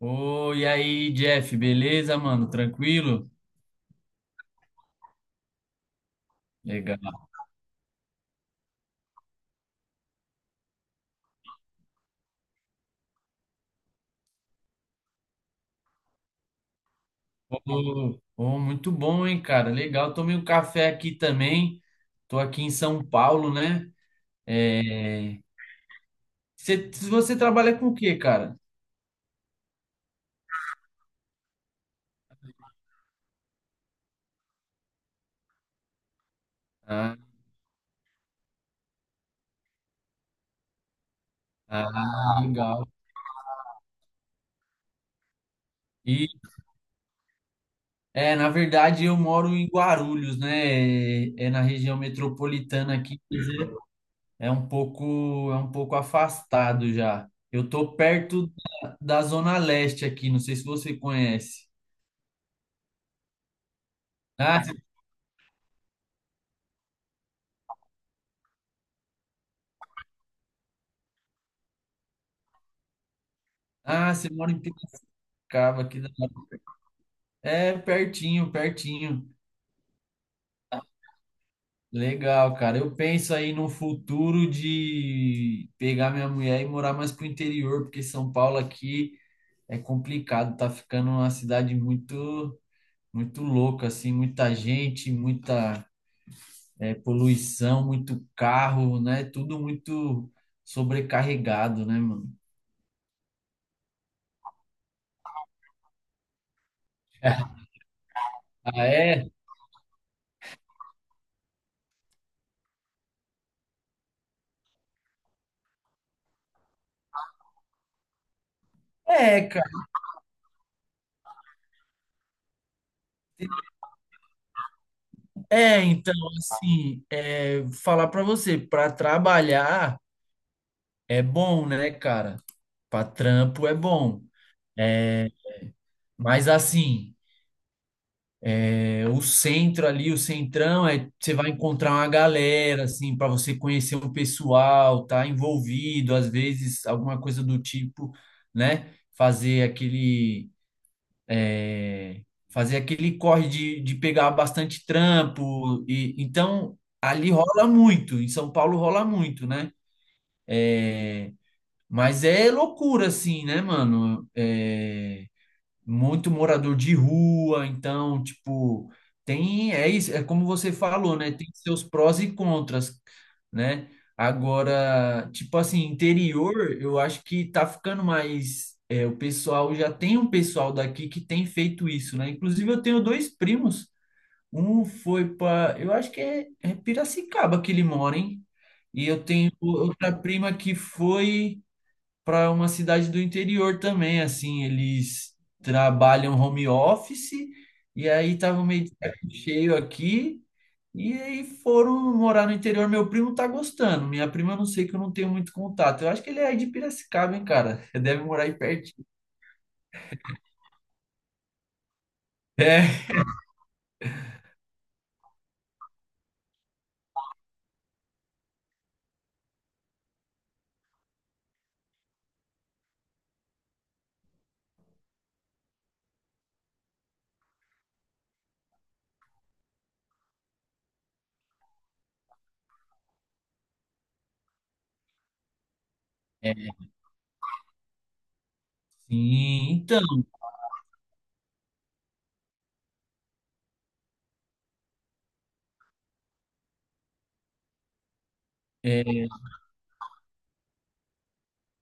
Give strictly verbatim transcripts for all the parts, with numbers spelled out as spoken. Ô, e aí, Jeff, beleza, mano? Tranquilo? Legal. Ô, ô, muito bom, hein, cara? Legal. Tomei um café aqui também. Tô aqui em São Paulo, né? É... Cê, você trabalha com o quê, cara? Ah, ah, legal. E, é, na verdade, eu moro em Guarulhos, né? É, é na região metropolitana aqui, quer dizer, é um pouco, é um pouco afastado já. Eu tô perto da, da Zona Leste aqui, não sei se você conhece. Ah, você- ah, você mora em Piracicaba, aqui da hora. É pertinho, pertinho. Legal, cara. Eu penso aí no futuro de pegar minha mulher e morar mais pro interior, porque São Paulo aqui é complicado, tá ficando uma cidade muito, muito louca, assim, muita gente, muita, eh, poluição, muito carro, né? Tudo muito sobrecarregado, né, mano? Ah, é? É, cara. É, então, assim, é, falar pra você, pra trabalhar é bom, né, cara? Pra trampo é bom. É, Mas assim, é, o centro ali, o centrão, é, você vai encontrar uma galera, assim, pra você conhecer o pessoal, tá envolvido, às vezes alguma coisa do tipo, né? Fazer aquele, é, fazer aquele corre de, de pegar bastante trampo. E, então, ali rola muito, em São Paulo rola muito, né? Mas é loucura, assim, né, mano? É, muito morador de rua, então, tipo, tem, é isso, é como você falou, né? Tem seus prós e contras, né? Agora, tipo assim, interior, eu acho que tá ficando mais. É, o pessoal já tem um pessoal daqui que tem feito isso, né? Inclusive, eu tenho dois primos. Um foi para, eu acho que é, é Piracicaba que ele mora, hein? E eu tenho outra prima que foi para uma cidade do interior também, assim, eles trabalham home office e aí tava meio de saco cheio aqui e aí foram morar no interior. Meu primo tá gostando, minha prima eu não sei que eu não tenho muito contato. Eu acho que ele é aí de Piracicaba, hein, cara? Deve morar aí perto. É. é, Sim, então. é,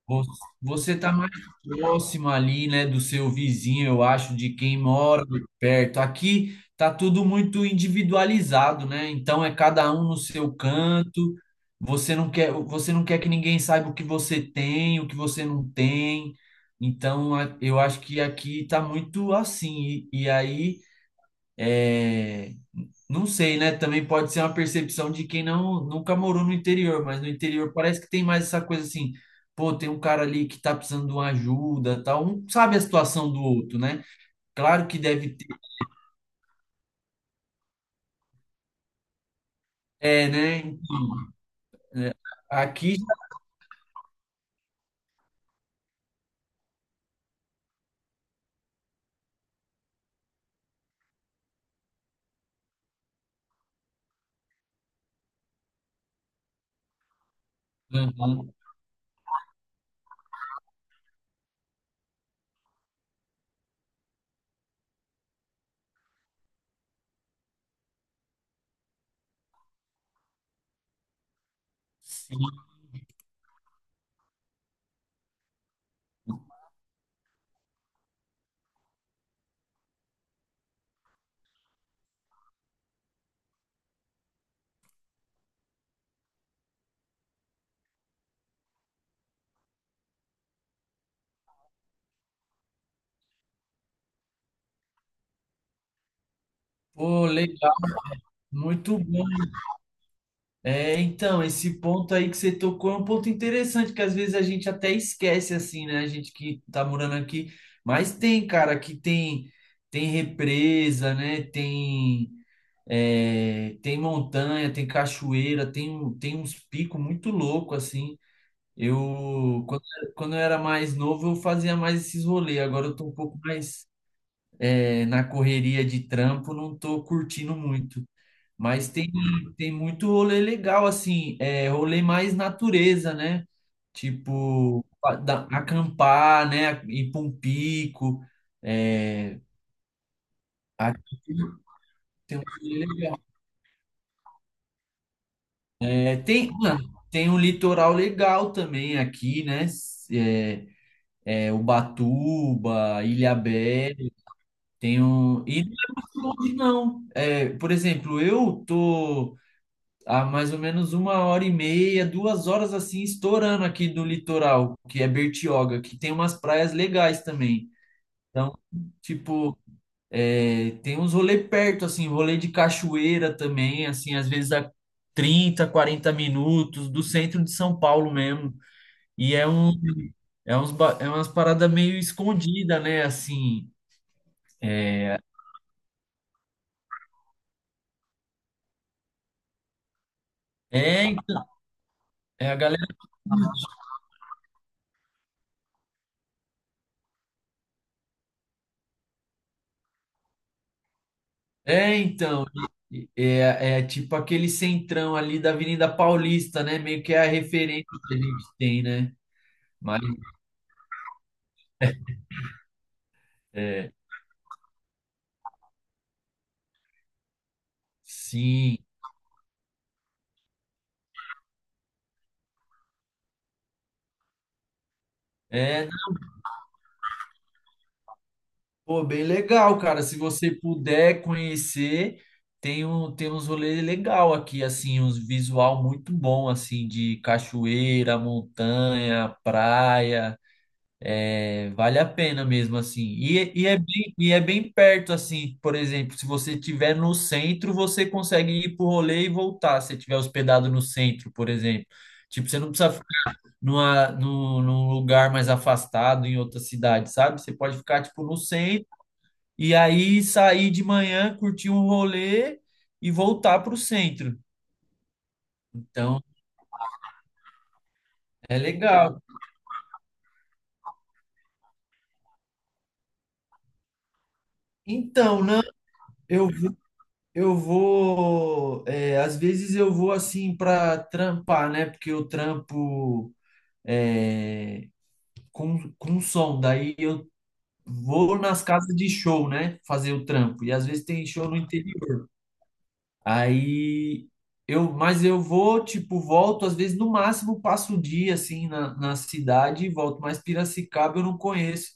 Vo- Você está mais próximo ali, né, do seu vizinho, eu acho, de quem mora perto. Aqui tá tudo muito individualizado, né? Então é cada um no seu canto. Você não quer, você não quer que ninguém saiba o que você tem, o que você não tem. Então a- eu acho que aqui tá muito assim. E, e aí é, não sei, né? Também pode ser uma percepção de quem não nunca morou no interior, mas no interior parece que tem mais essa coisa assim, pô, tem um cara ali que tá precisando de uma ajuda, tal, um sabe a situação do outro, né? Claro que deve ter, é, né? Então, é, aqui, Uhum. Pô, legal, muito bom. É, então, esse ponto aí que você tocou é um ponto interessante, que às vezes a gente até esquece, assim, né? A gente que tá morando aqui, mas tem, cara, que tem tem represa, né? Tem, é, tem montanha, tem cachoeira, tem, um- tem uns picos muito loucos, assim. Eu, quando, quando eu era mais novo, eu fazia mais esses rolês, agora eu tô um pouco mais, é, na correria de trampo, não tô curtindo muito. Mas tem, tem muito rolê legal, assim, é, rolê mais natureza, né? Tipo, a- da- acampar, né? Ir pra um pico. É, aqui tem, um rolê le- é, Tem, mano, tem um litoral legal também aqui, né? S- É, é, Ubatuba, Ilhabela, tem um... E não é muito longe, não. É, por exemplo, eu tô... A mais ou menos uma hora e meia, duas horas assim, estourando aqui do litoral, que é Bertioga, que tem umas praias legais também. Então, tipo, é, tem uns rolê perto, assim, rolê de cachoeira também, assim, às vezes a trinta quarenta minutos do centro de São Paulo mesmo. E é um, é uns, ba- é umas paradas meio escondida, né? Assim, é, então, é a galera. É, então, e- e- é, é tipo aquele centrão ali da Avenida Paulista, né? Meio que é a referência que a gente tem, né? Mas, é, sim, é, pô, bem legal, cara. Se você puder conhecer, tem um, tem uns rolês legal aqui, assim, uns visual muito bom, assim, de cachoeira, montanha, praia. Vale a pena mesmo, assim. E, e, é bem, e é bem perto, assim. Por exemplo, se você estiver no centro, você consegue ir pro rolê e voltar, se você estiver hospedado no centro, por exemplo. Tipo, você não precisa ficar numa, num, num lugar mais afastado, em outra cidade, sabe? Você pode ficar, tipo, no centro e aí sair de manhã, curtir um rolê e voltar pro centro. Então, é legal. Então, não, eu vi Eu vou, é, às vezes eu vou assim para trampar, né? Porque eu trampo é, com, com som, daí eu vou nas casas de show, né? Fazer o trampo. E às vezes tem show no interior. Aí eu, mas eu vou, tipo, volto, às vezes no máximo passo o dia assim na, na cidade e volto, mas Piracicaba eu não conheço.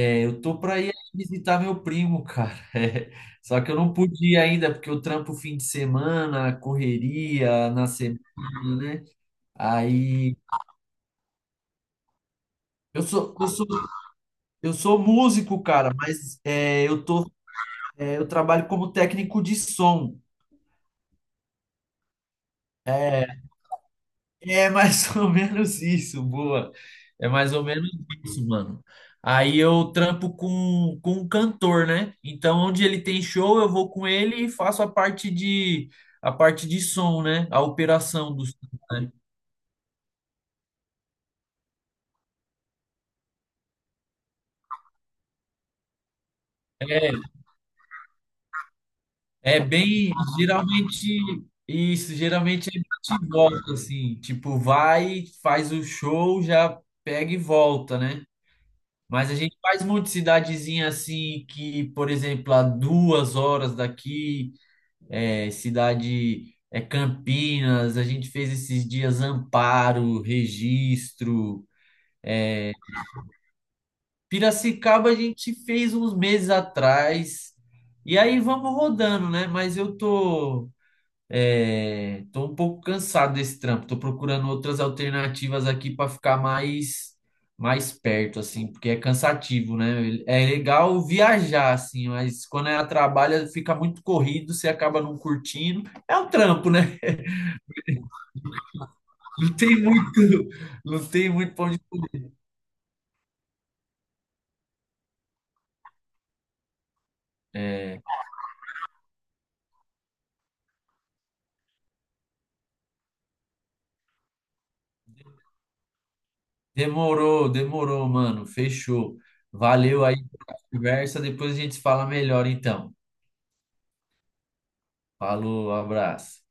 Eu tô para ir visitar meu primo, cara. É, só que eu não pude ir ainda porque eu trampo fim de semana, correria na semana, né? Aí eu sou, eu sou, eu sou músico, cara, mas é, eu tô, é, eu trabalho como técnico de som. É mais ou menos isso, boa. É mais ou menos isso, mano. Aí eu trampo com, com um cantor, né? Então, onde ele tem show, eu vou com ele e faço a parte de a parte de som, né? A operação do som, né? É, é bem geralmente isso, geralmente é bate e volta, assim, tipo, vai, faz o show, já pega e volta, né? Mas a gente faz muito cidadezinha assim que, por exemplo, a duas horas daqui, é, cidade é Campinas, a gente fez esses dias Amparo, Registro. Piracicaba a gente fez uns meses atrás. E aí vamos rodando, né? Mas eu tô, é, tô um pouco cansado desse trampo. Tô procurando outras alternativas aqui para ficar mais mais perto, assim, porque é cansativo, né? É legal viajar, assim, mas quando é a trabalho fica muito corrido, você acaba não curtindo. É um trampo, né? Não tem muito, não tem muito pra onde. É, demorou, demorou, mano. Fechou. Valeu aí pela conversa. Depois a gente fala melhor, então. Falou, abraço.